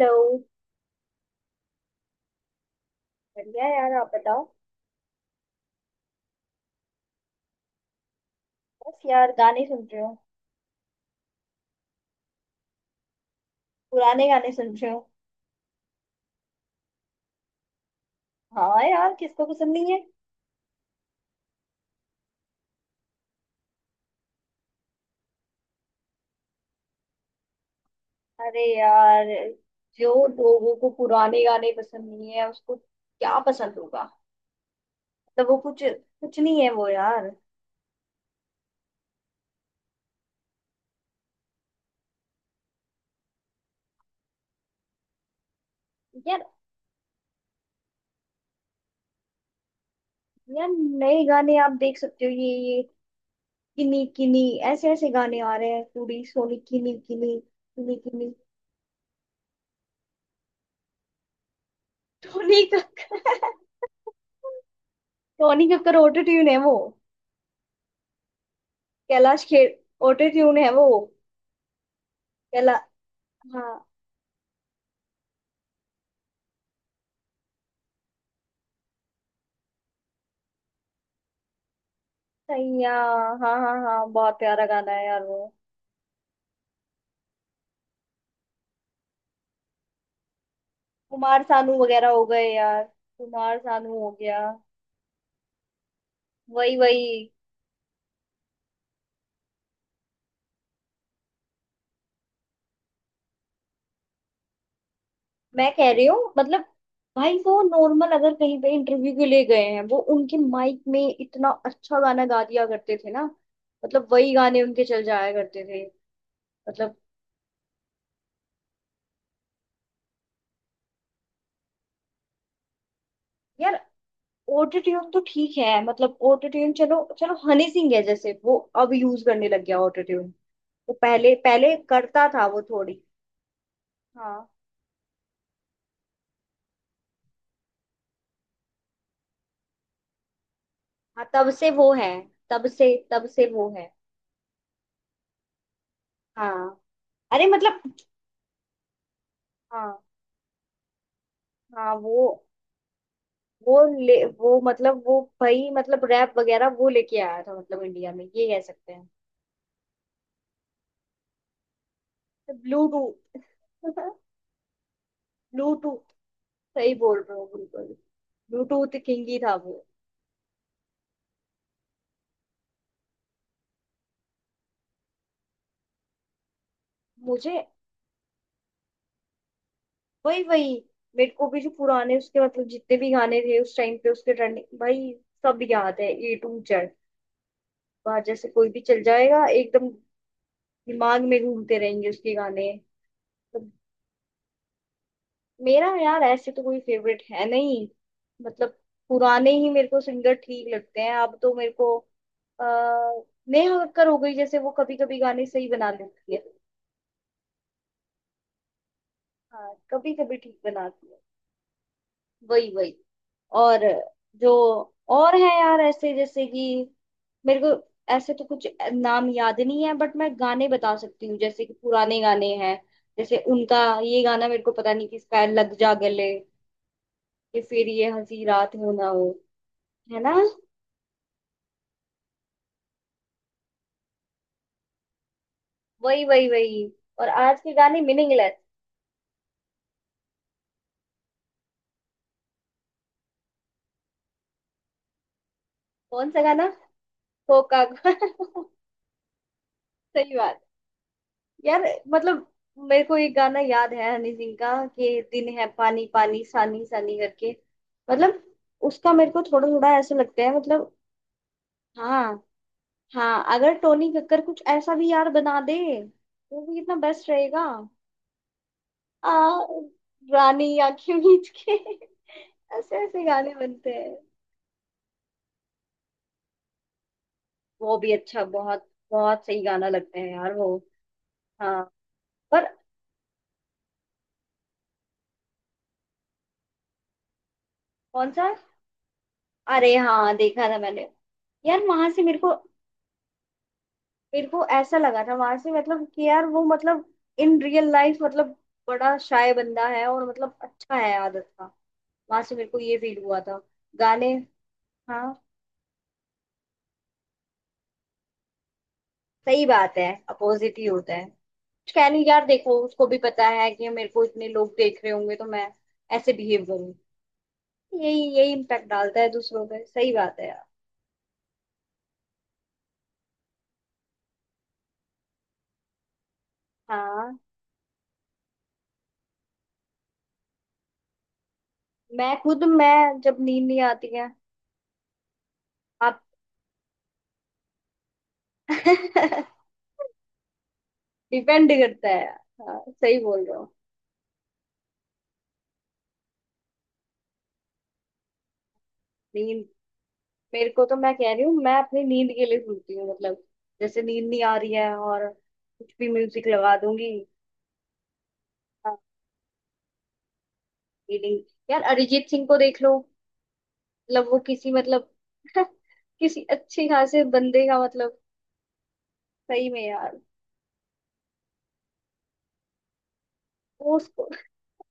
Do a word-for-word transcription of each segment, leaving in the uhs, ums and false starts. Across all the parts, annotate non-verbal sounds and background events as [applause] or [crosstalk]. Hello. बढ़िया यार, आप बताओ। बस यार, गाने सुन रहे हो। पुराने गाने सुन रहे हो। हाँ यार, किसको पसंद नहीं है। अरे यार, जो लोगों को पुराने गाने पसंद नहीं है, उसको क्या पसंद होगा। मतलब वो कुछ कुछ नहीं है वो यार। यार यार, नए गाने आप देख सकते हो, ये ये किनी किनी, ऐसे ऐसे गाने आ रहे हैं। पूरी सोनी किनी किनी, किनी किनी। Tony Kakkar Tony Kakkar auto tune है वो। कैलाश खेर ऑटो ट्यून है वो। कैला हाँ। सैया। हाँ हाँ हाँ, बहुत प्यारा गाना है यार वो। कुमार सानू वगैरह हो गए यार। कुमार सानू हो गया। वही वही। मैं कह रही हूँ, मतलब भाई, वो नॉर्मल अगर कहीं पे इंटरव्यू के लिए गए हैं, वो उनके माइक में इतना अच्छा गाना गा दिया करते थे ना। मतलब वही गाने उनके चल जाया करते थे। मतलब यार, ऑटो ट्यून तो ठीक है। मतलब ऑटो ट्यून चलो चलो, हनी सिंह है जैसे वो, अब यूज करने लग गया ऑटो ट्यून। वो पहले पहले करता था वो थोड़ी। हाँ। हाँ, तब से वो है। तब से तब से वो है। हाँ, अरे मतलब। हाँ। हाँ वो वो ले वो मतलब वो भाई, मतलब रैप वगैरह वो लेके आया था, मतलब इंडिया में ये कह सकते हैं। ब्लूटूथ। ब्लूटूथ [laughs] सही बोल रहे हो बिल्कुल। ब्लूटूथ किंग ही था वो। मुझे वही वही। मेरे को भी जो पुराने उसके, मतलब जितने भी गाने थे उस टाइम पे उसके ट्रेंडिंग, भाई सब याद है। A to Z. वहां जैसे कोई भी चल जाएगा एकदम, दिमाग में घूमते रहेंगे उसके गाने। तो मेरा यार ऐसे तो कोई फेवरेट है नहीं। मतलब पुराने ही मेरे को सिंगर ठीक लगते हैं अब तो मेरे को अह, नेहा कक्कर हो गई, जैसे वो कभी कभी गाने सही बना लेती है। हाँ कभी कभी ठीक बनाती है। वही वही। और जो, और है यार ऐसे, जैसे कि मेरे को ऐसे तो कुछ नाम याद नहीं है, बट मैं गाने बता सकती हूँ जैसे कि पुराने गाने हैं। जैसे उनका ये गाना, मेरे को पता नहीं किसका है, लग जा गले, कि फिर ये हंसी रात हो ना हो। है ना। वही वही वही। और आज के गाने मीनिंगलेस। कौन सा गाना। होका [laughs] सही बात। यार मतलब मेरे को एक गाना याद है हनी सिंह का, कि दिन है पानी पानी, सानी सानी करके। मतलब उसका मेरे को थोड़ा थोड़ा ऐसा लगता है, मतलब हाँ हाँ, अगर टोनी कक्कर कुछ ऐसा भी यार बना दे तो भी कितना बेस्ट रहेगा। आ, रानी आंखें मीच के। [laughs] ऐसे ऐसे गाने बनते हैं। वो भी अच्छा, बहुत बहुत सही गाना लगता है यार वो। हाँ। और कौन सा। अरे हाँ, देखा था मैंने। यार वहां से मेरे को, मेरे को ऐसा लगा था वहां से, मतलब कि यार वो, मतलब इन रियल लाइफ, मतलब बड़ा शाय बंदा है और मतलब अच्छा है आदत का। वहां से मेरे को ये फील हुआ था, गाने। हाँ सही बात है, अपोजिट ही होता है। कुछ कह नहीं यार, देखो उसको भी पता है कि मेरे को इतने लोग देख रहे होंगे, तो मैं ऐसे बिहेव करूँ। यही यही इम्पैक्ट डालता है दूसरों पे, सही बात है यार। हाँ। मैं खुद, मैं जब नींद नहीं आती है। आप। [laughs] डिपेंड करता है। हाँ सही बोल रहे हो। नींद, मेरे को तो, मैं कह रही हूँ, मैं अपनी नींद के लिए सुनती हूँ, मतलब जैसे नींद नहीं आ रही है और कुछ भी म्यूजिक लगा दूंगी। हाँ। रीडिंग, यार अरिजीत सिंह को देख लो। मतलब वो किसी, मतलब [laughs] किसी अच्छे खासे बंदे का, मतलब सही में यार। वो उसको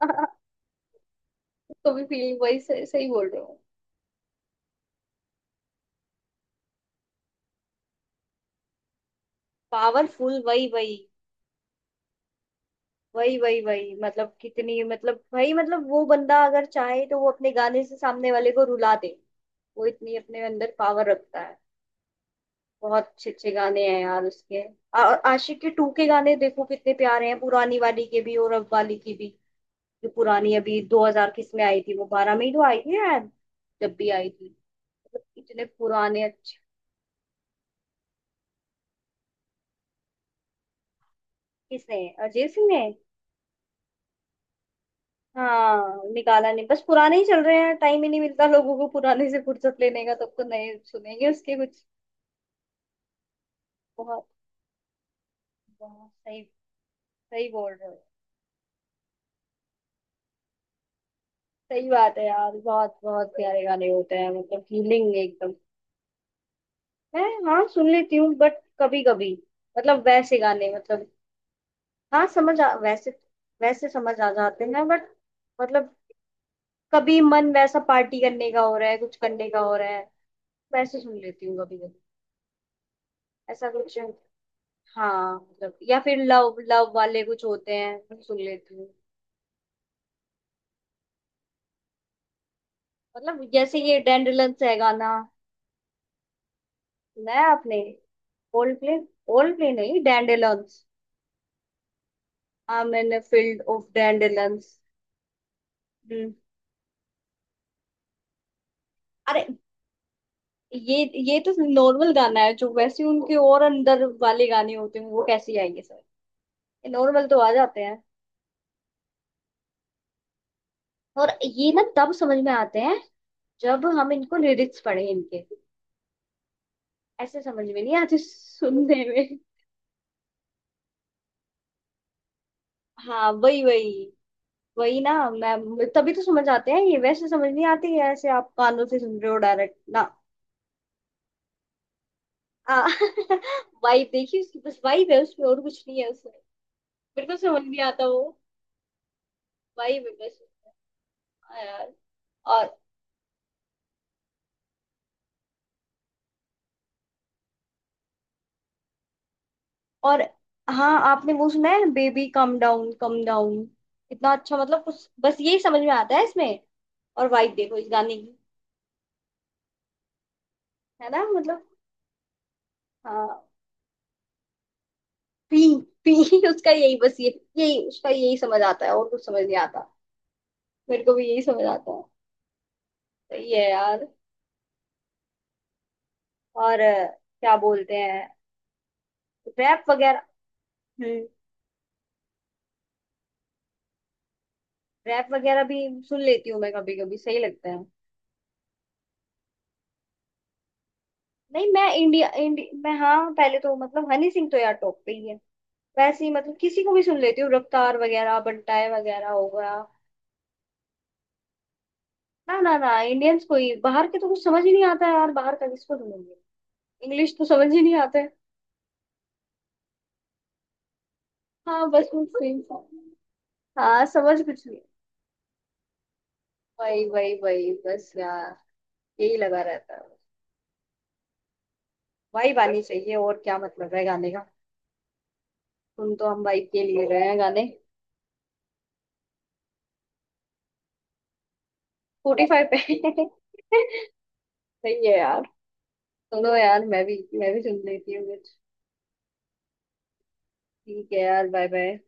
[laughs] उसको भी फील, वही सही, सही बोल रहे हो। पावरफुल वही वही। वही वही वही, मतलब कितनी, मतलब भाई, मतलब वो बंदा अगर चाहे तो वो अपने गाने से सामने वाले को रुला दे। वो इतनी अपने अंदर पावर रखता है। बहुत अच्छे अच्छे गाने हैं यार उसके। आ- और आशिक के टू के गाने देखो कितने प्यारे हैं, पुरानी वाली के भी और अब वाली की भी। जो पुरानी अभी दो हज़ार किस में आई थी, वो बारह में ही तो आई है यार, जब भी आई थी। मतलब इतने पुराने अच्छे। किसने, अजय सिंह ने। हाँ निकाला नहीं, बस पुराने ही चल रहे हैं। टाइम ही नहीं मिलता लोगों को पुराने से फुर्सत लेने का, तब तो नए सुनेंगे उसके कुछ। बहुत, बहुत सही, सही बोल रहे हो। सही बात है यार, बहुत बहुत प्यारे गाने होते हैं, मतलब फीलिंग एकदम। मैं, हाँ सुन लेती हूँ बट कभी कभी। मतलब वैसे गाने, मतलब हाँ समझ आ, वैसे, वैसे समझ आ जाते हैं, बट मतलब कभी मन वैसा पार्टी करने का हो रहा है, कुछ करने का हो रहा है, वैसे सुन लेती हूँ कभी कभी, ऐसा कुछ। हाँ मतलब, या फिर लव लव वाले कुछ होते हैं वो सुन लेती हूँ। मतलब जैसे ये डैंडेलियंस है गाना, सुना है आपने। ओल्ड प्ले, ओल्ड प्ले नहीं डैंडेलियंस। हाँ मैंने फील्ड ऑफ डैंडेलियंस। हम्म। अरे ये ये तो नॉर्मल गाना है। जो वैसे उनके और अंदर वाले गाने होते हैं, वो कैसे आएंगे सर। ये नॉर्मल तो आ जाते हैं। और ये ना तब समझ में आते हैं जब हम इनको लिरिक्स पढ़े इनके। ऐसे समझ में नहीं आते सुनने में। हाँ, वही वही। वही ना, मैं तभी तो समझ आते हैं ये, वैसे समझ नहीं आती है। ऐसे आप कानों से सुन रहे हो डायरेक्ट ना। वाइब। [laughs] देखिए उसकी बस वाइब है उसमें, और कुछ नहीं है उसमें। बिल्कुल समझ नहीं आता वो। वही विवेश, हाँ यार। और और हाँ, आपने वो सुना है, baby calm down calm down. इतना अच्छा, मतलब कुछ बस यही समझ में आता है इसमें। और वाइब देखो इस गाने की। है ना, मतलब हाँ। पी पी [laughs] उसका यही बस ये, यही उसका यही समझ आता है, और कुछ समझ नहीं आता। मेरे को भी यही समझ आता है। सही है यार। और अ, क्या बोलते हैं, रैप वगैरह। हम्म। रैप वगैरह भी सुन लेती हूँ मैं कभी कभी, सही लगता है। नहीं मैं इंडिया, इंडिया मैं, हाँ पहले तो मतलब हनी सिंह तो यार टॉप पे ही है। वैसे ही मतलब किसी को भी सुन लेती हूँ, रफ्तार वगैरह, बंटाए वगैरह हो गया। ना ना ना, इंडियंस को ही, बाहर के तो कुछ समझ ही नहीं आता है यार, बाहर का किसको सुनूंगी। इंग्लिश तो समझ ही नहीं आता है। हाँ बस कुछ नहीं। हाँ समझ कुछ नहीं। वही वही वही बस यार, यही लगा रहता है। वाइब आनी चाहिए, और क्या मतलब है गाने का। सुन तो हम वाइब के लिए रहे हैं गाने। स्पॉटिफाई पे। [laughs] सही है यार। सुनो यार, मैं भी मैं भी सुन लेती हूँ। ठीक है यार, बाय बाय।